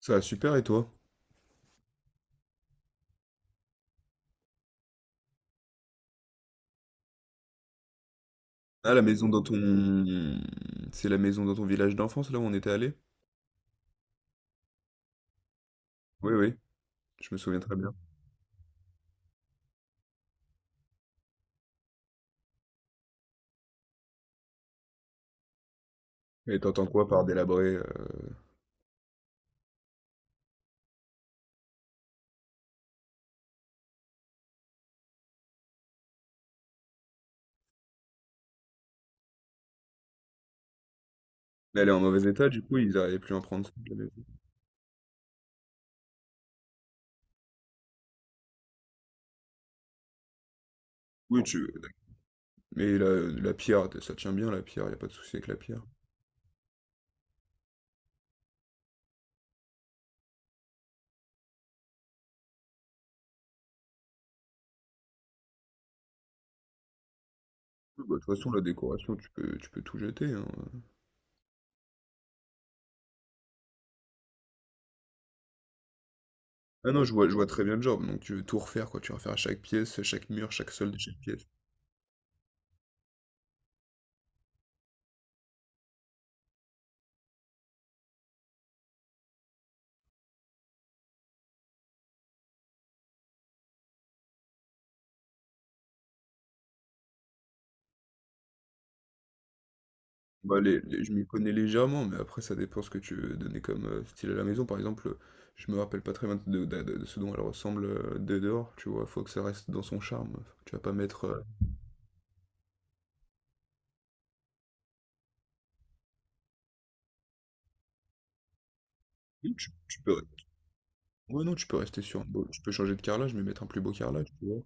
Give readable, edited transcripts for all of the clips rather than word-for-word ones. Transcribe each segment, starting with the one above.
Ça va super et toi? Ah, la maison dans ton... C'est la maison dans ton village d'enfance, là où on était allé? Oui, oui, je me souviens très bien. Et t'entends quoi par délabré? Elle est en mauvais état, du coup, ils arrivaient plus à en prendre soin, la maison. Oui, tu... Mais la pierre, ça tient bien, la pierre, y a pas de souci avec la pierre. Oui, bah, de toute façon, la décoration, tu peux tout jeter, hein. Ah non, je vois très bien le job, donc tu veux tout refaire, quoi. Tu vas refaire chaque pièce, chaque mur, chaque sol de chaque pièce. Bah, les je m'y connais légèrement, mais après ça dépend ce que tu veux donner comme, style à la maison. Par exemple, je me rappelle pas très bien de ce dont elle ressemble, de dehors, tu vois? Faut que ça reste dans son charme. Faut que tu vas pas mettre, non, tu peux ouais, non, tu peux rester sur un beau tu peux changer de carrelage, mais mettre un plus beau carrelage, tu vois?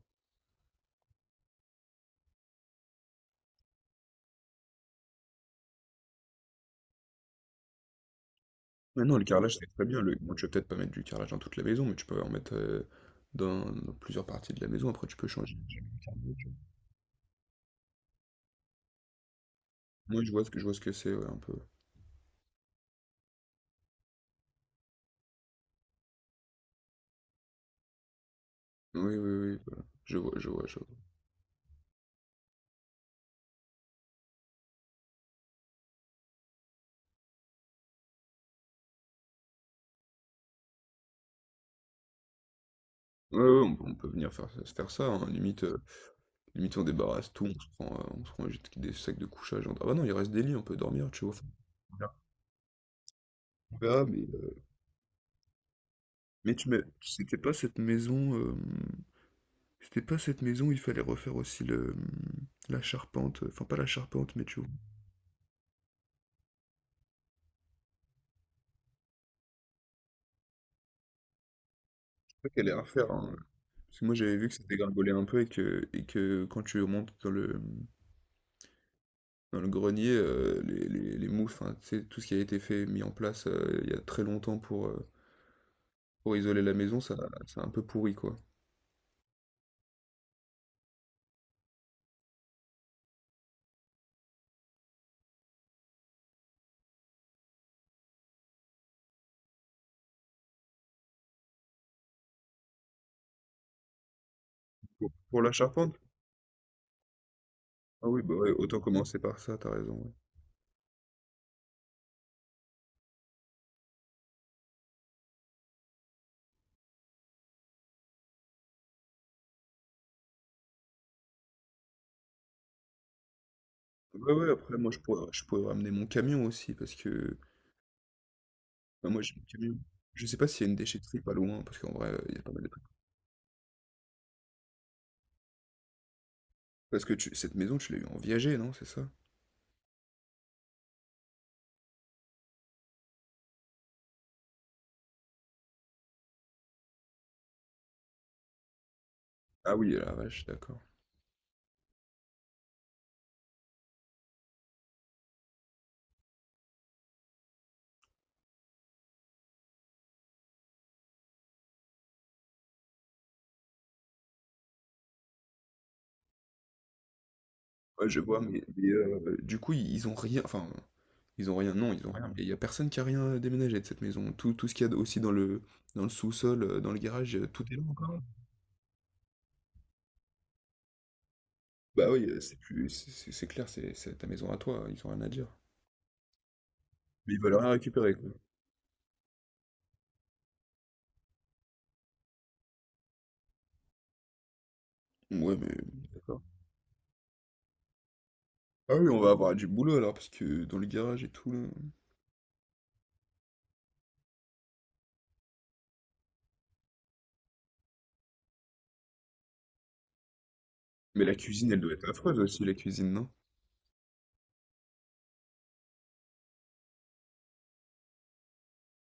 Ouais, non, le carrelage, c'est très bien, le bon, tu vas peut-être pas mettre du carrelage dans toute la maison, mais tu peux en mettre, dans plusieurs parties de la maison. Après, tu peux changer. Moi, je vois ce que c'est, ouais, un peu. Oui, oui, oui, voilà. Je vois, je vois, je vois. Ouais, ouais, on peut venir faire se faire ça, hein, Limite, limite on débarrasse tout, on se prend juste des sacs de couchage. Ah bah non, il reste des lits, on peut dormir, tu vois. Enfin, on verra, mais c'était pas cette maison, c'était pas cette maison, où il fallait refaire aussi le, la charpente, enfin pas la charpente, mais tu vois. Je crois qu'elle est à refaire, hein. Parce que moi j'avais vu que ça dégringolait un peu et que quand tu montes dans le grenier, les mouches, enfin, tu sais, tout ce qui a été fait, mis en place il y a très longtemps pour, pour isoler la maison, ça c'est un peu pourri, quoi. Pour la charpente? Ah oui, bah ouais, autant commencer par ça, t'as raison, ouais. Ouais, ouais, après, moi, je pourrais ramener mon camion aussi, parce que... bah, moi, j'ai mon camion. Je sais pas s'il y a une déchetterie pas loin, parce qu'en vrai, il y a pas mal de trucs. Parce que cette maison, tu l'as eu en viager, non? C'est ça? Ah oui, la vache, d'accord. Ouais, je vois, mais, du coup, ils ont rien... Enfin, ils ont rien, non, ils ont rien. Mais il y a personne qui a rien déménagé de cette maison. Tout ce qu'il y a aussi dans le sous-sol, dans le garage, tout est là encore. Bah oui, c'est plus, c'est clair, c'est ta maison à toi, hein, ils ont rien à dire. Mais ils veulent rien récupérer, quoi. Ouais, mais d'accord. Ah oui, on va avoir du boulot alors, parce que dans le garage et tout, là. Mais la cuisine, elle doit être affreuse aussi, la cuisine, non?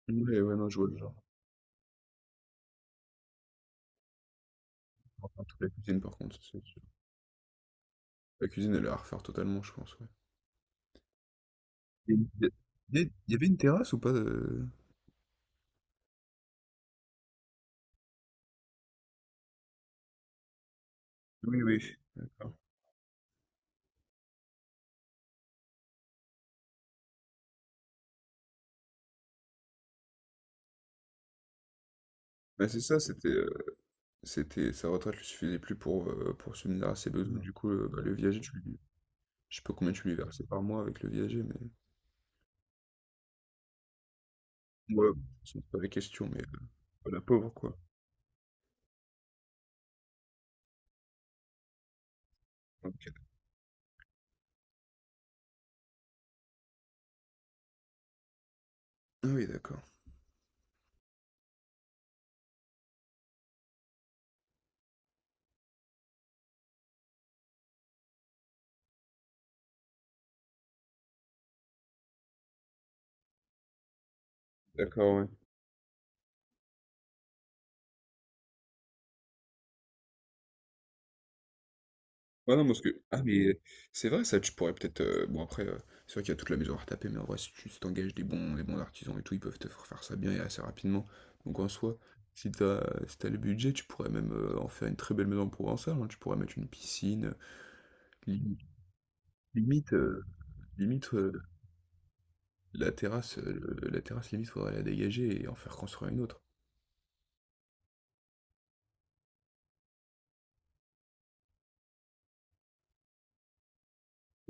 Ouais, ouais, non, je vois le genre. Enfin, toute la cuisine, par contre, c'est sûr. La cuisine, elle est à refaire totalement, je pense, ouais. Et il y a- il y avait une terrasse ou pas oui, oui. D'accord. Bah, c'est ça, c'était, sa retraite lui suffisait plus pour subvenir à ses besoins. Du coup, bah, le viager, tu lui, je sais pas combien tu lui versais par mois avec le viager, mais. Ouais, c'est pas la question, mais la pauvre, quoi. OK. Ah oui, d'accord. D'accord, ouais. Ouais, non, parce que ah mais c'est vrai ça, tu pourrais peut-être, bon après, c'est vrai qu'il y a toute la maison à retaper, mais en vrai, si tu des bons artisans et tout, ils peuvent te faire faire ça bien et assez rapidement. Donc en soi, si t'as si t'as le budget, tu pourrais même, en faire une très belle maison provençale, hein. Tu pourrais mettre une piscine, limite, heu, limite, heu, la terrasse, limite, faudrait la dégager et en faire construire une autre.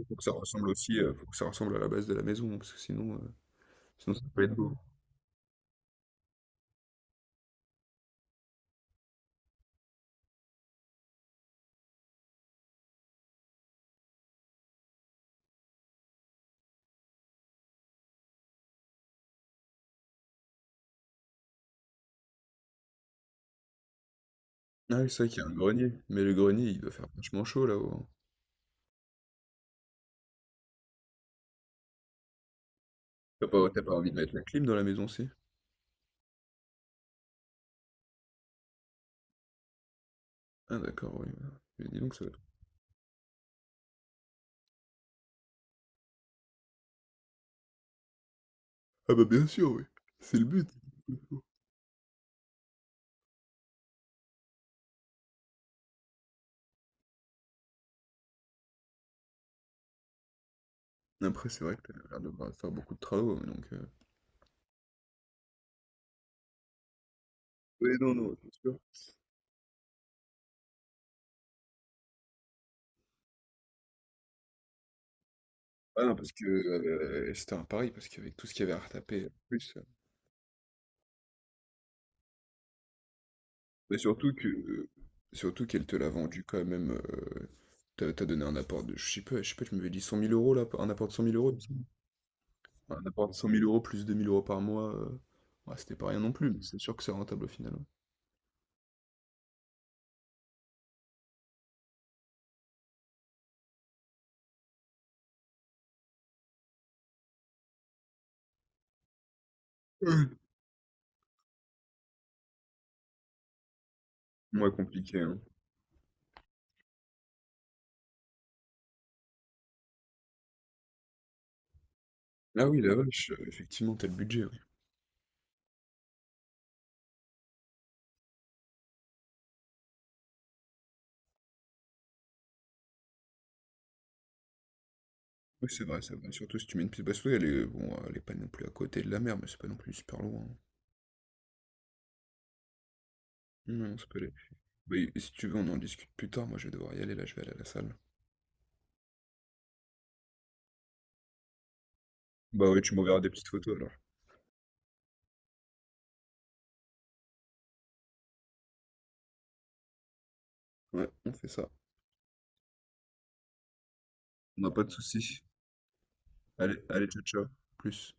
Faut que ça ressemble aussi, faut que ça ressemble à la base de la maison, hein, parce que sinon, sinon ça peut être beau. Ah oui, c'est vrai qu'il y a un grenier, mais le grenier, il doit faire vachement chaud là-haut, hein. T'as pas envie de mettre la clim dans la maison si ah d'accord, oui, voilà. Mais dis donc, ça va être- ah bah bien sûr, oui. C'est le but. Après, c'est vrai que t'as l'air de pas faire beaucoup de travaux, mais donc... oui, non, non, c'est sûr. Ah non, parce que c'était un pari, parce qu'avec tout ce qu'il y avait à retaper, en plus... mais surtout que surtout qu'elle te l'a vendu quand même, t'as, t'as donné un apport de. Je sais pas, tu m'avais dit 100 000 € là, un apport de cent mille euros, il me semble. Un apport de cent mille euros plus 2 000 € par mois, ouais, c'était pas rien non plus, mais c'est sûr que c'est rentable au final. Ouais. Moins compliqué, hein. Ah oui, la vache, effectivement, t'as le budget, oui. Oui, c'est vrai, c'est vrai. Surtout si tu mets une petite basse elle est, bon, elle est pas non plus à côté de la mer, mais c'est pas non plus super loin, hein. Non, ça peut aller. Bah, et si tu veux, on en discute plus tard. Moi, je vais devoir y aller, là, je vais aller à la salle. Bah ouais, tu m'enverras des petites photos alors. Ouais, on fait ça. On moi, pas de souci. Allez, allez, ciao, ciao. Plus.